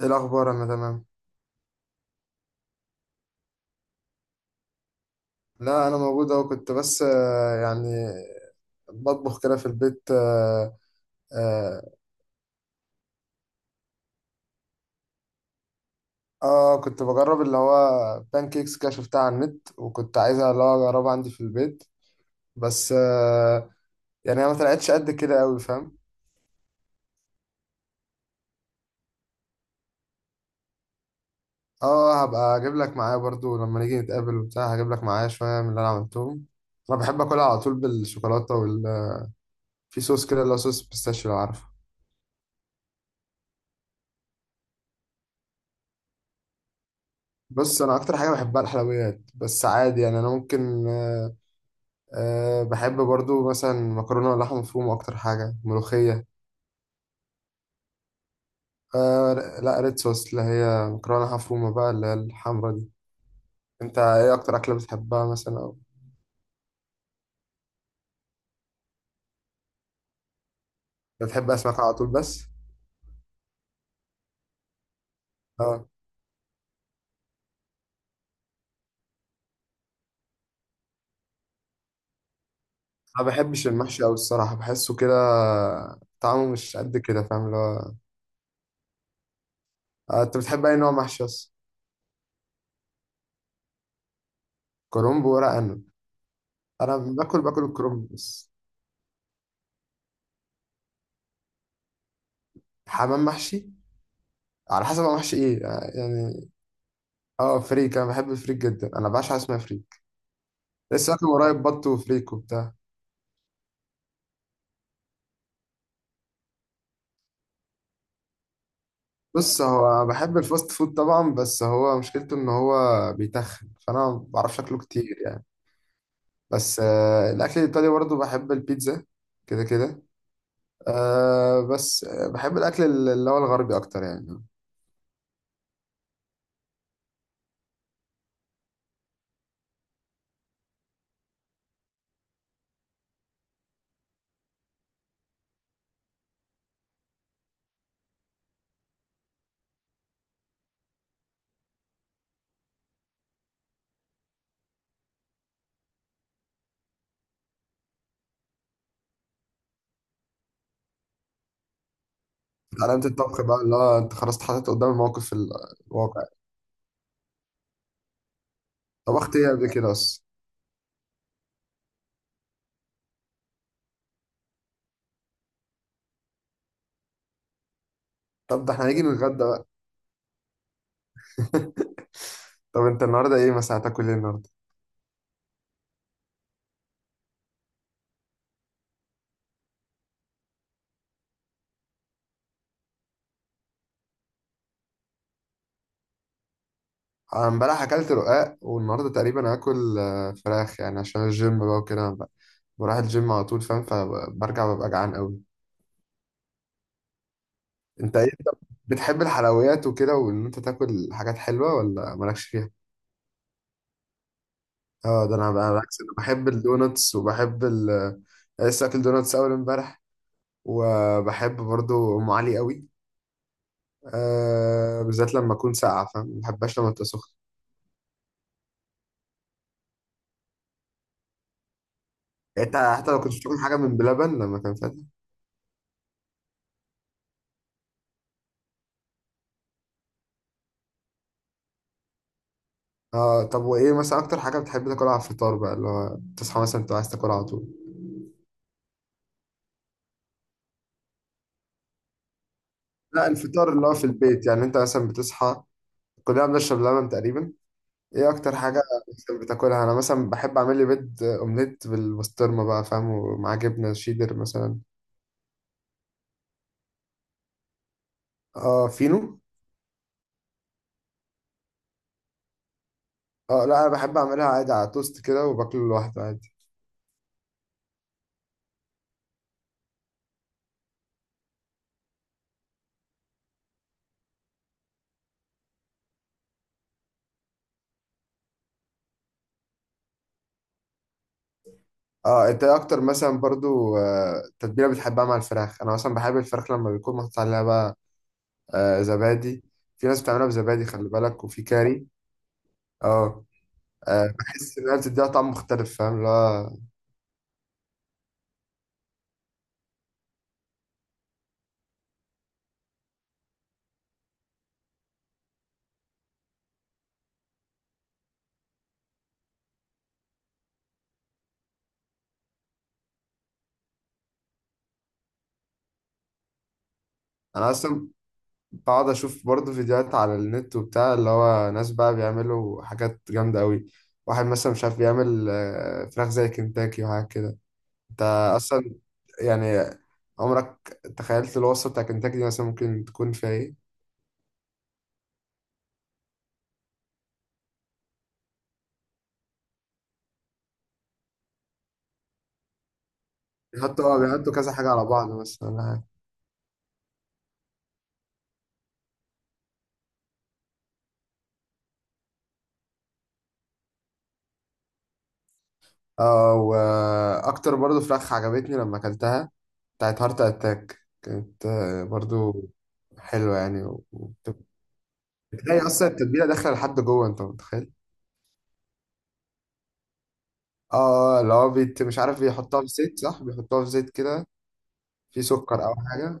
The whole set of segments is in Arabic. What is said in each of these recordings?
ايه الاخبار؟ انا تمام. لا، انا موجود اهو. كنت بس يعني بطبخ كده في البيت. اه, آه, كنت بجرب اللي هو بانكيكس كده، شفتها على النت وكنت عايزها اللي هو اجربها عندي في البيت. بس يعني هي ما طلعتش قد كده قوي، فاهم؟ اه، هبقى اجيب لك معايا برضو لما نيجي نتقابل وبتاع، هجيب لك معايا شويه من اللي انا عملتهم. انا بحب اكلها على طول بالشوكولاته في صوص كده، اللي هو صوص بيستاشيو لو عارفه. بص، انا اكتر حاجه بحبها الحلويات، بس عادي يعني انا ممكن أه بحب برضو مثلا مكرونة ولحمة مفرومة، أكتر حاجة ملوخية. أه. لا، ريد صوص، اللي هي مكرونة لحمة مفرومة بقى، اللي هي الحمرا دي. أنت إيه أكتر أكلة بتحبها مثلا؟ أو بتحب أسماك على طول بس؟ أه. أنا ما بحبش المحشي أوي الصراحة، بحسه كده طعمه مش قد كده فاهم اللي هو. أنت بتحب أي نوع محشي أصلا؟ كرنب وورق عنب. أنا باكل الكرنب بس. حمام محشي؟ على حسب هو محشي إيه يعني. أه، فريك. أنا بحب الفريك جدا، أنا بعشق حاجة اسمها فريك. لسه اكل قريب بط وفريك وبتاع. بص، هو بحب الفاست فود طبعا، بس هو مشكلته ان هو بيتخن، فانا ما بعرفش اكله كتير يعني. بس الاكل الايطالي برضه، بحب البيتزا كده كده. أه، بس بحب الاكل اللي هو الغربي اكتر يعني. اتعلمت الطبخ بقى، اللي هو انت خلاص اتحطيت قدام الموقف الواقع. طبخت ايه قبل كده اصلا؟ طب ده احنا هنيجي نتغدى بقى. طب انت النهارده ايه مثلا، هتاكل ايه النهارده؟ انا امبارح اكلت رقاق، والنهارده تقريبا هاكل فراخ، يعني عشان الجيم بقى وكده بروح الجيم على طول فاهم، فبرجع ببقى جعان قوي. انت ايه؟ أنت بتحب الحلويات وكده، وان انت تاكل حاجات حلوه، ولا مالكش فيها؟ اه ده انا بقى بالعكس، انا بحب الدوناتس وبحب ال أنا لسه اكل دوناتس اول امبارح، وبحب برضو ام علي قوي. أه، بالذات لما اكون ساقعه فاهم، ما بحبهاش لما تبقى سخنه. يعني انت حتى لو كنت بتاكل حاجه من بلبن لما كان فيها؟ اه. طب وايه مثلا اكتر حاجه بتحب تاكلها على الفطار بقى، اللي هو تصحى مثلا تبقى عايز تاكل على طول؟ لا، الفطار اللي هو في البيت يعني، انت مثلا بتصحى، كلنا بنشرب لبن تقريبا. ايه اكتر حاجه مثلا بتاكلها؟ انا مثلا بحب اعمل لي بيض اومليت بالبسطرمه بقى فاهم، ومعاه جبنه شيدر مثلا. اه فينو. اه، لا، انا بحب اعملها عادي على توست كده، وباكله لوحده عادي. اه، انت ايه اكتر مثلا برضو تتبيله بتحبها مع الفراخ؟ انا مثلا بحب الفراخ لما بيكون محطوط عليها بقى زبادي. في ناس بتعملها بزبادي، خلي بالك، وفي كاري. اه، بحس انها بتديها طعم مختلف فاهم اللي هو. انا اصلا بقعد اشوف برضه فيديوهات على النت وبتاع، اللي هو ناس بقى بيعملوا حاجات جامده قوي. واحد مثلا مش عارف يعمل فراخ زي كنتاكي وحاجات كده. انت اصلا يعني عمرك تخيلت الوصفه بتاع كنتاكي دي مثلا ممكن تكون فيها ايه؟ بيحطوا كذا حاجه على بعض مثلا. اه، واكتر برضو فراخ عجبتني لما اكلتها، بتاعت هارت اتاك كانت برضو حلوة يعني بتلاقي اصلا التتبيلة داخلة لحد جوه، انت متخيل. اه اللي هو بيت مش عارف بيحطها في زيت، صح، بيحطها في زيت كده، في سكر او حاجة.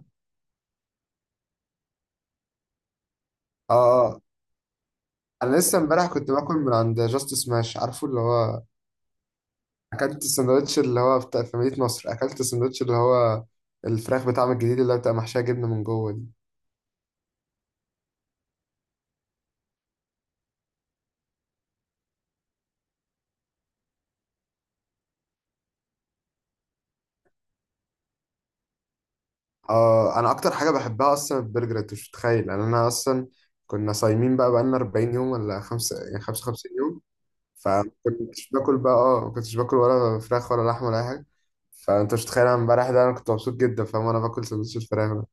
اه، انا لسه امبارح كنت باكل من عند جاست سماش، عارفه اللي هو؟ اكلت الساندوتش اللي هو بتاع في مدينة نصر، اكلت الساندوتش اللي هو الفراخ بتاعهم الجديد، اللي هو بتبقى محشية جبنة من جوه دي. اه، انا اكتر حاجه بحبها اصلا البرجر، انت مش متخيل يعني. انا اصلا كنا صايمين بقى بقالنا 40 يوم ولا خمسة، يعني 55 يوم. فما كنتش باكل بقى، اه ما كنتش باكل ولا فراخ ولا لحمه ولا اي حاجه. فانت مش متخيل انا امبارح ده انا كنت مبسوط جدا فاهم، انا باكل سندوتش الفراخ ده.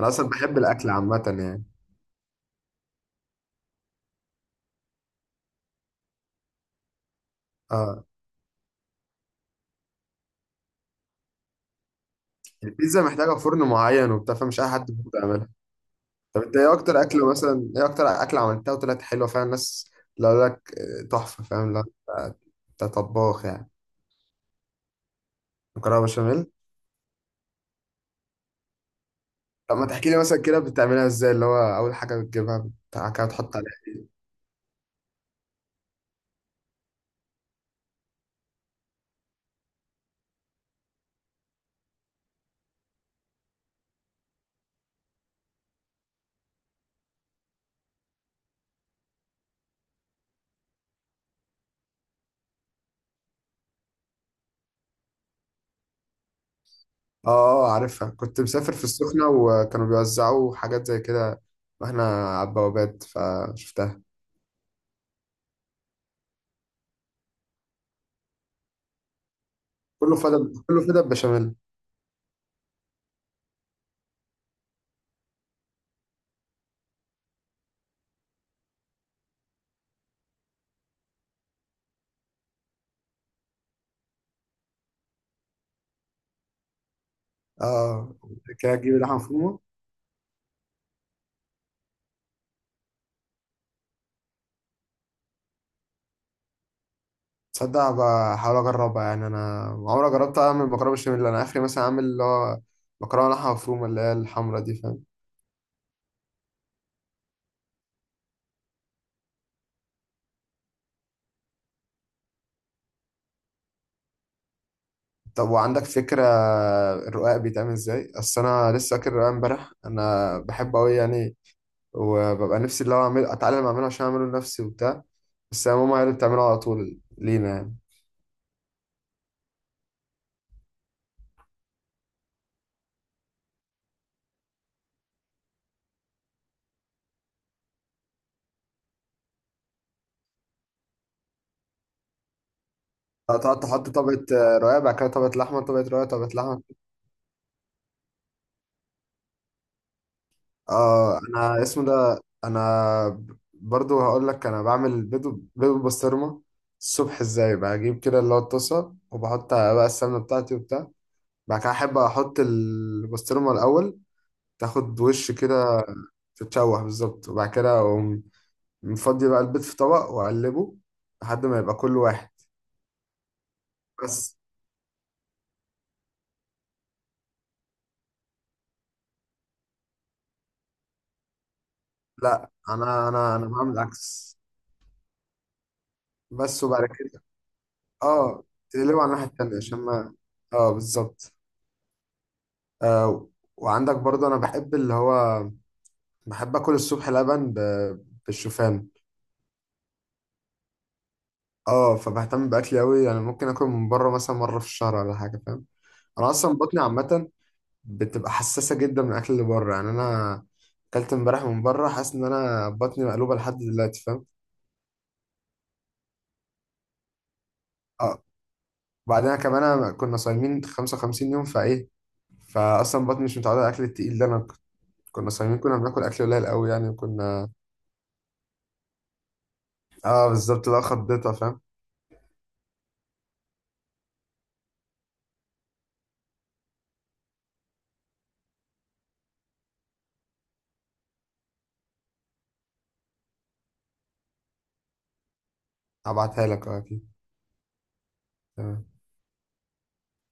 انا اصلا بحب الاكل عامه يعني. اه، يعني البيتزا محتاجه فرن معين وبتاع، فمش اي حد بيقدر يعملها. طب انت ايه اكتر اكله مثلا، ايه اكتر اكله عملتها وطلعت حلوه فعلا الناس لو لك تحفه فاهم؟ لا، أنت طباخ يعني. مكرونه بشاميل. طب ما تحكي لي مثلا كده بتعملها ازاي، اللي هو اول حاجه بتجيبها بتاع كده تحط عليها؟ اه عارفها، كنت مسافر في السخنه وكانوا بيوزعوا حاجات زي كده، واحنا على البوابات فشفتها. كله فدا، كله فدا بشاميل. اه، آه. كده اجيب لحمه مفرومه. تصدق بحاول اجربها يعني، انا عمري ما جربت اعمل مكرونه بشاميل، انا اخري مثلا اعمل اللي هو مكرونه لحمه مفرومه اللي هي الحمرا دي فاهم. طب وعندك فكره الرقاق بيتعمل ازاي؟ اصل انا لسه فاكر الرقاق امبارح، انا بحبه قوي يعني، وببقى نفسي اللي هو اعمل اتعلم اعمله عشان اعمله لنفسي وبتاع، بس هي ماما هي اللي بتعمله على طول لينا يعني. تقعد تحط طبقة رقاق، بعد كده طبقة لحمة، طبقة رقاق، طبقة لحمة. اه، انا اسمه ده انا برضو هقول لك، انا بعمل بيض، بيض بالبسطرمة الصبح ازاي، بجيب كده اللي هو الطاسة وبحط بقى السمنة بتاعتي وبتاع، بعد كده احب احط البسطرمة الاول تاخد وش كده تتشوح بالظبط، وبعد كده اقوم مفضي بقى البيض في طبق واقلبه لحد ما يبقى كل واحد بس. لا، انا بعمل عكس بس، وبعد كده اه تقلبه على الناحيه التانيه عشان ما. اه بالظبط. آه، وعندك برضه، انا بحب اللي هو بحب اكل الصبح لبن بالشوفان. اه، فبهتم باكلي قوي يعني، ممكن اكل من بره مثلا مره في الشهر ولا حاجه فاهم. انا اصلا بطني عامه بتبقى حساسه جدا من الاكل اللي بره يعني، انا اكلت امبارح من بره حاسس ان انا بطني مقلوبه لحد دلوقتي فاهم. اه، وبعدين كمان أنا كنا صايمين 55 يوم فايه، فاصلا بطني مش متعوده على الاكل التقيل ده، كنا صايمين كنا بناكل اكل قليل قوي يعني وكنا. اه بالظبط، لا خضتها فاهم. هبعتها لك اه اكيد. تمام.